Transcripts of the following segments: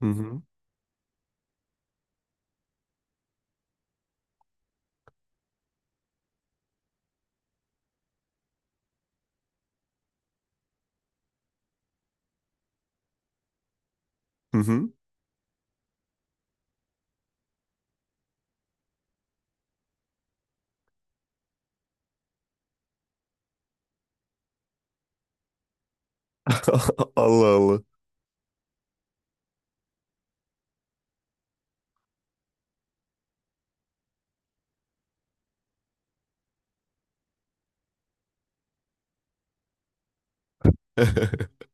Hı hı. Hı hı. Allah Allah.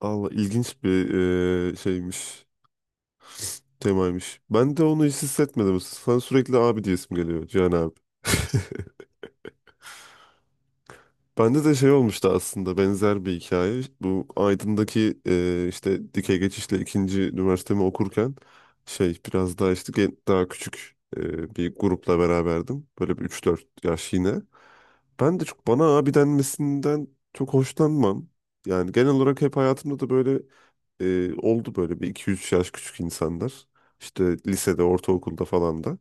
Allah, ilginç bir şeymiş. Temaymış. Ben de onu hiç hissetmedim. Sen sürekli abi diyesim geliyor Cihan abi. Bende de şey olmuştu aslında, benzer bir hikaye. Bu Aydın'daki işte dikey geçişle ikinci üniversitemi okurken şey biraz daha işte daha küçük bir grupla beraberdim. Böyle bir 3-4 yaş yine. Ben de çok bana abi denmesinden çok hoşlanmam. Yani genel olarak hep hayatımda da böyle oldu böyle bir iki üç yaş küçük insanlar. İşte lisede, ortaokulda falan da.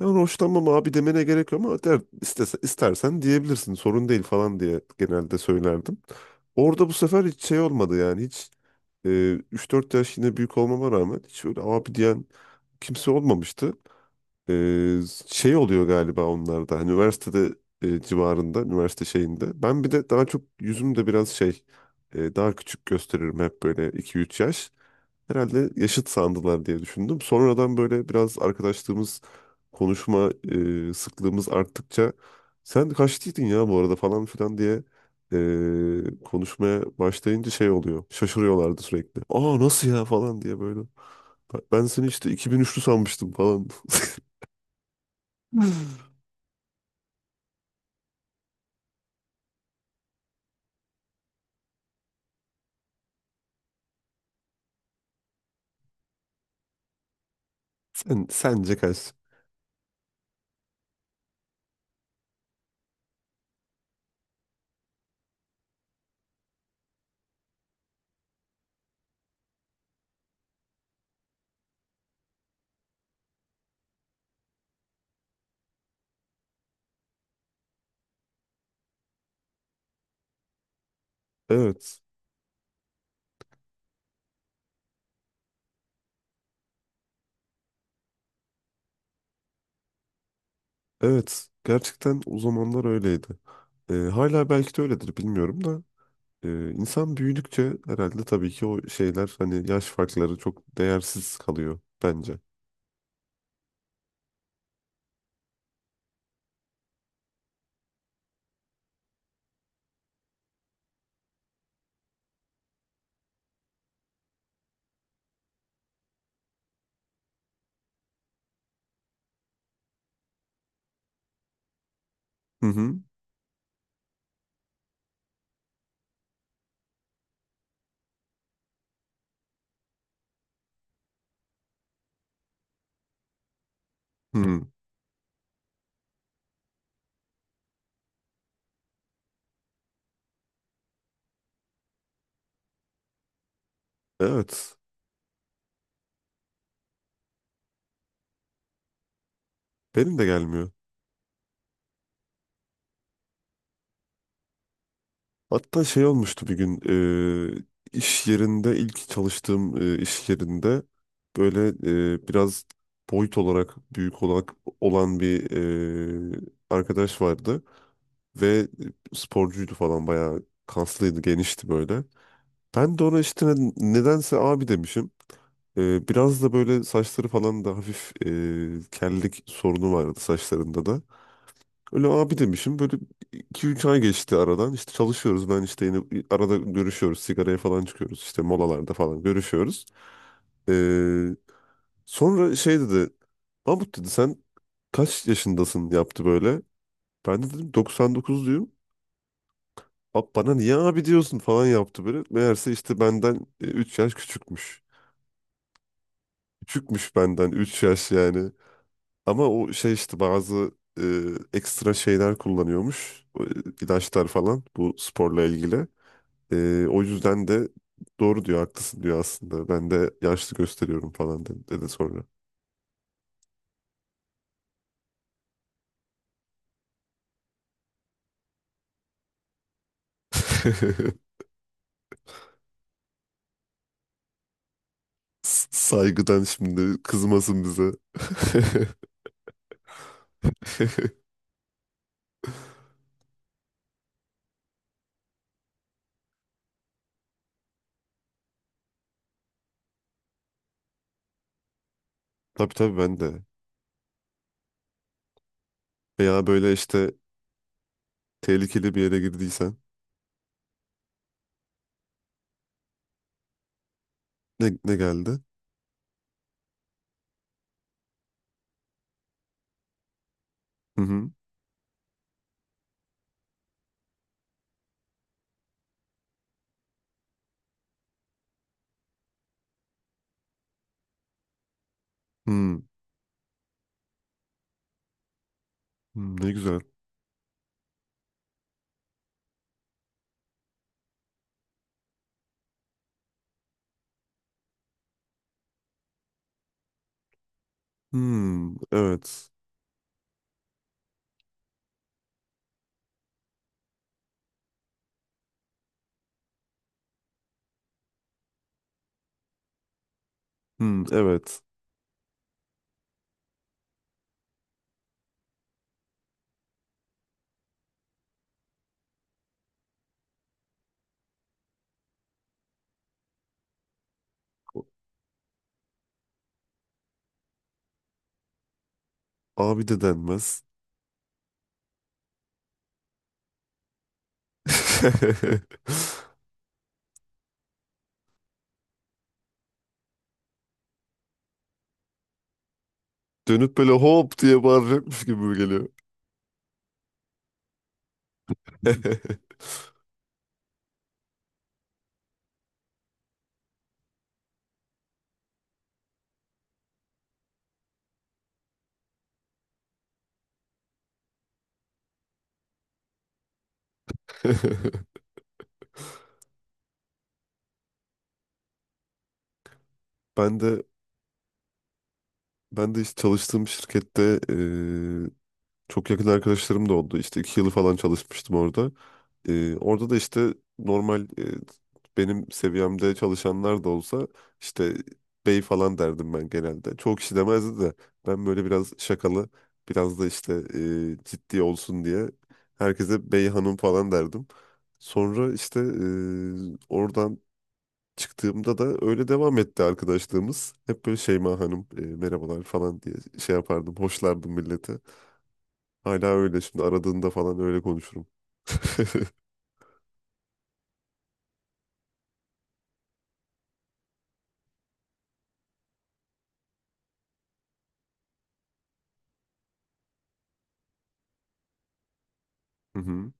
Yani hoşlanmam, abi demene gerek yok ama istersen diyebilirsin, sorun değil falan diye genelde söylerdim. Orada bu sefer hiç şey olmadı, yani hiç e, 3-4 yaş yine büyük olmama rağmen hiç öyle abi diyen kimse olmamıştı. Ee, Şey oluyor galiba onlarda, hani üniversitede civarında üniversite şeyinde ben bir de daha çok yüzümde biraz şey daha küçük gösteririm hep böyle iki üç yaş herhalde yaşıt sandılar diye düşündüm sonradan, böyle biraz arkadaşlığımız, konuşma sıklığımız arttıkça sen kaçtıydın ya bu arada falan filan diye konuşmaya başlayınca şey oluyor, şaşırıyorlardı sürekli, aa nasıl ya falan diye böyle ben seni işte 2003'lü sanmıştım falan. Sence kaç? Evet. Evet. Gerçekten o zamanlar öyleydi. Hala belki de öyledir, bilmiyorum da. İnsan büyüdükçe herhalde tabii ki o şeyler, hani yaş farkları çok değersiz kalıyor bence. Hı hı. Hı. Evet. Benim de gelmiyor. Hatta şey olmuştu bir gün e, iş yerinde, ilk çalıştığım iş yerinde, böyle biraz boyut olarak büyük olarak olan bir e, arkadaş vardı. Ve sporcuydu falan, bayağı kaslıydı, genişti böyle. Ben de ona işte nedense abi demişim. Biraz da böyle saçları falan da, hafif kellik sorunu vardı saçlarında da. Öyle abi demişim. Böyle 2-3 ay geçti aradan. İşte çalışıyoruz. Ben işte yine arada görüşüyoruz. Sigaraya falan çıkıyoruz. İşte molalarda falan görüşüyoruz. Ee, Sonra şey dedi. Mahmut dedi, sen kaç yaşındasın yaptı böyle. Ben de dedim 99 diyor. Abi bana niye abi diyorsun falan yaptı böyle. Meğerse işte benden 3 yaş küçükmüş. Küçükmüş benden 3 yaş yani. Ama o şey işte bazı e, ekstra şeyler kullanıyormuş. O, ilaçlar falan, bu sporla ilgili. O yüzden de doğru diyor, haklısın diyor aslında. Ben de yaşlı gösteriyorum falan dedi, dedi sonra. Saygıdan şimdi kızmasın bize. Tabii tabii, ben de. Veya böyle işte tehlikeli bir yere girdiysen, ne, ne geldi? Hı hı. Hmm, hmm, ne güzel. Hmm, evet. Hmm, evet. Abi de denmez. Dönüp böyle hop diye bağıracakmış gibi mi geliyor. Ben de ben de işte çalıştığım şirkette çok yakın arkadaşlarım da oldu. İşte 2 yılı falan çalışmıştım orada. Orada da işte normal benim seviyemde çalışanlar da olsa işte bey falan derdim ben genelde. Çoğu kişi demezdi de ben böyle biraz şakalı, biraz da işte ciddi olsun diye herkese bey hanım falan derdim. Sonra işte oradan çıktığımda da öyle devam etti arkadaşlığımız. Hep böyle Şeyma Hanım merhabalar falan diye şey yapardım, hoşlardım millete. Hala öyle şimdi aradığında falan öyle konuşurum. Hı hı.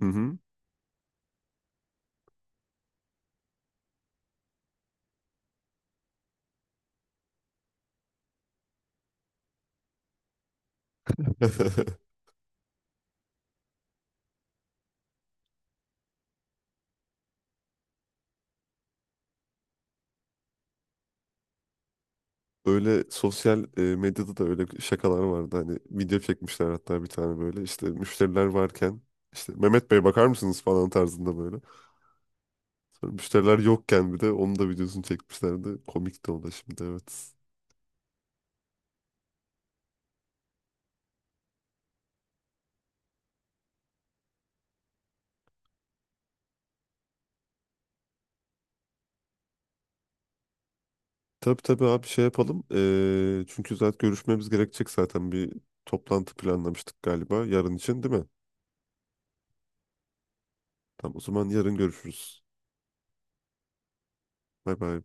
Hı hı. Öyle sosyal medyada da öyle şakalar vardı. Hani video çekmişler hatta, bir tane böyle. İşte müşteriler varken işte Mehmet Bey bakar mısınız falan tarzında böyle. Sonra müşteriler yokken bir de onun da videosunu çekmişlerdi. Komik de, o da şimdi, evet. Tabii tabii, abi şey yapalım. Çünkü zaten görüşmemiz gerekecek, zaten bir toplantı planlamıştık galiba yarın için, değil mi? Tamam, o zaman yarın görüşürüz. Bay bay.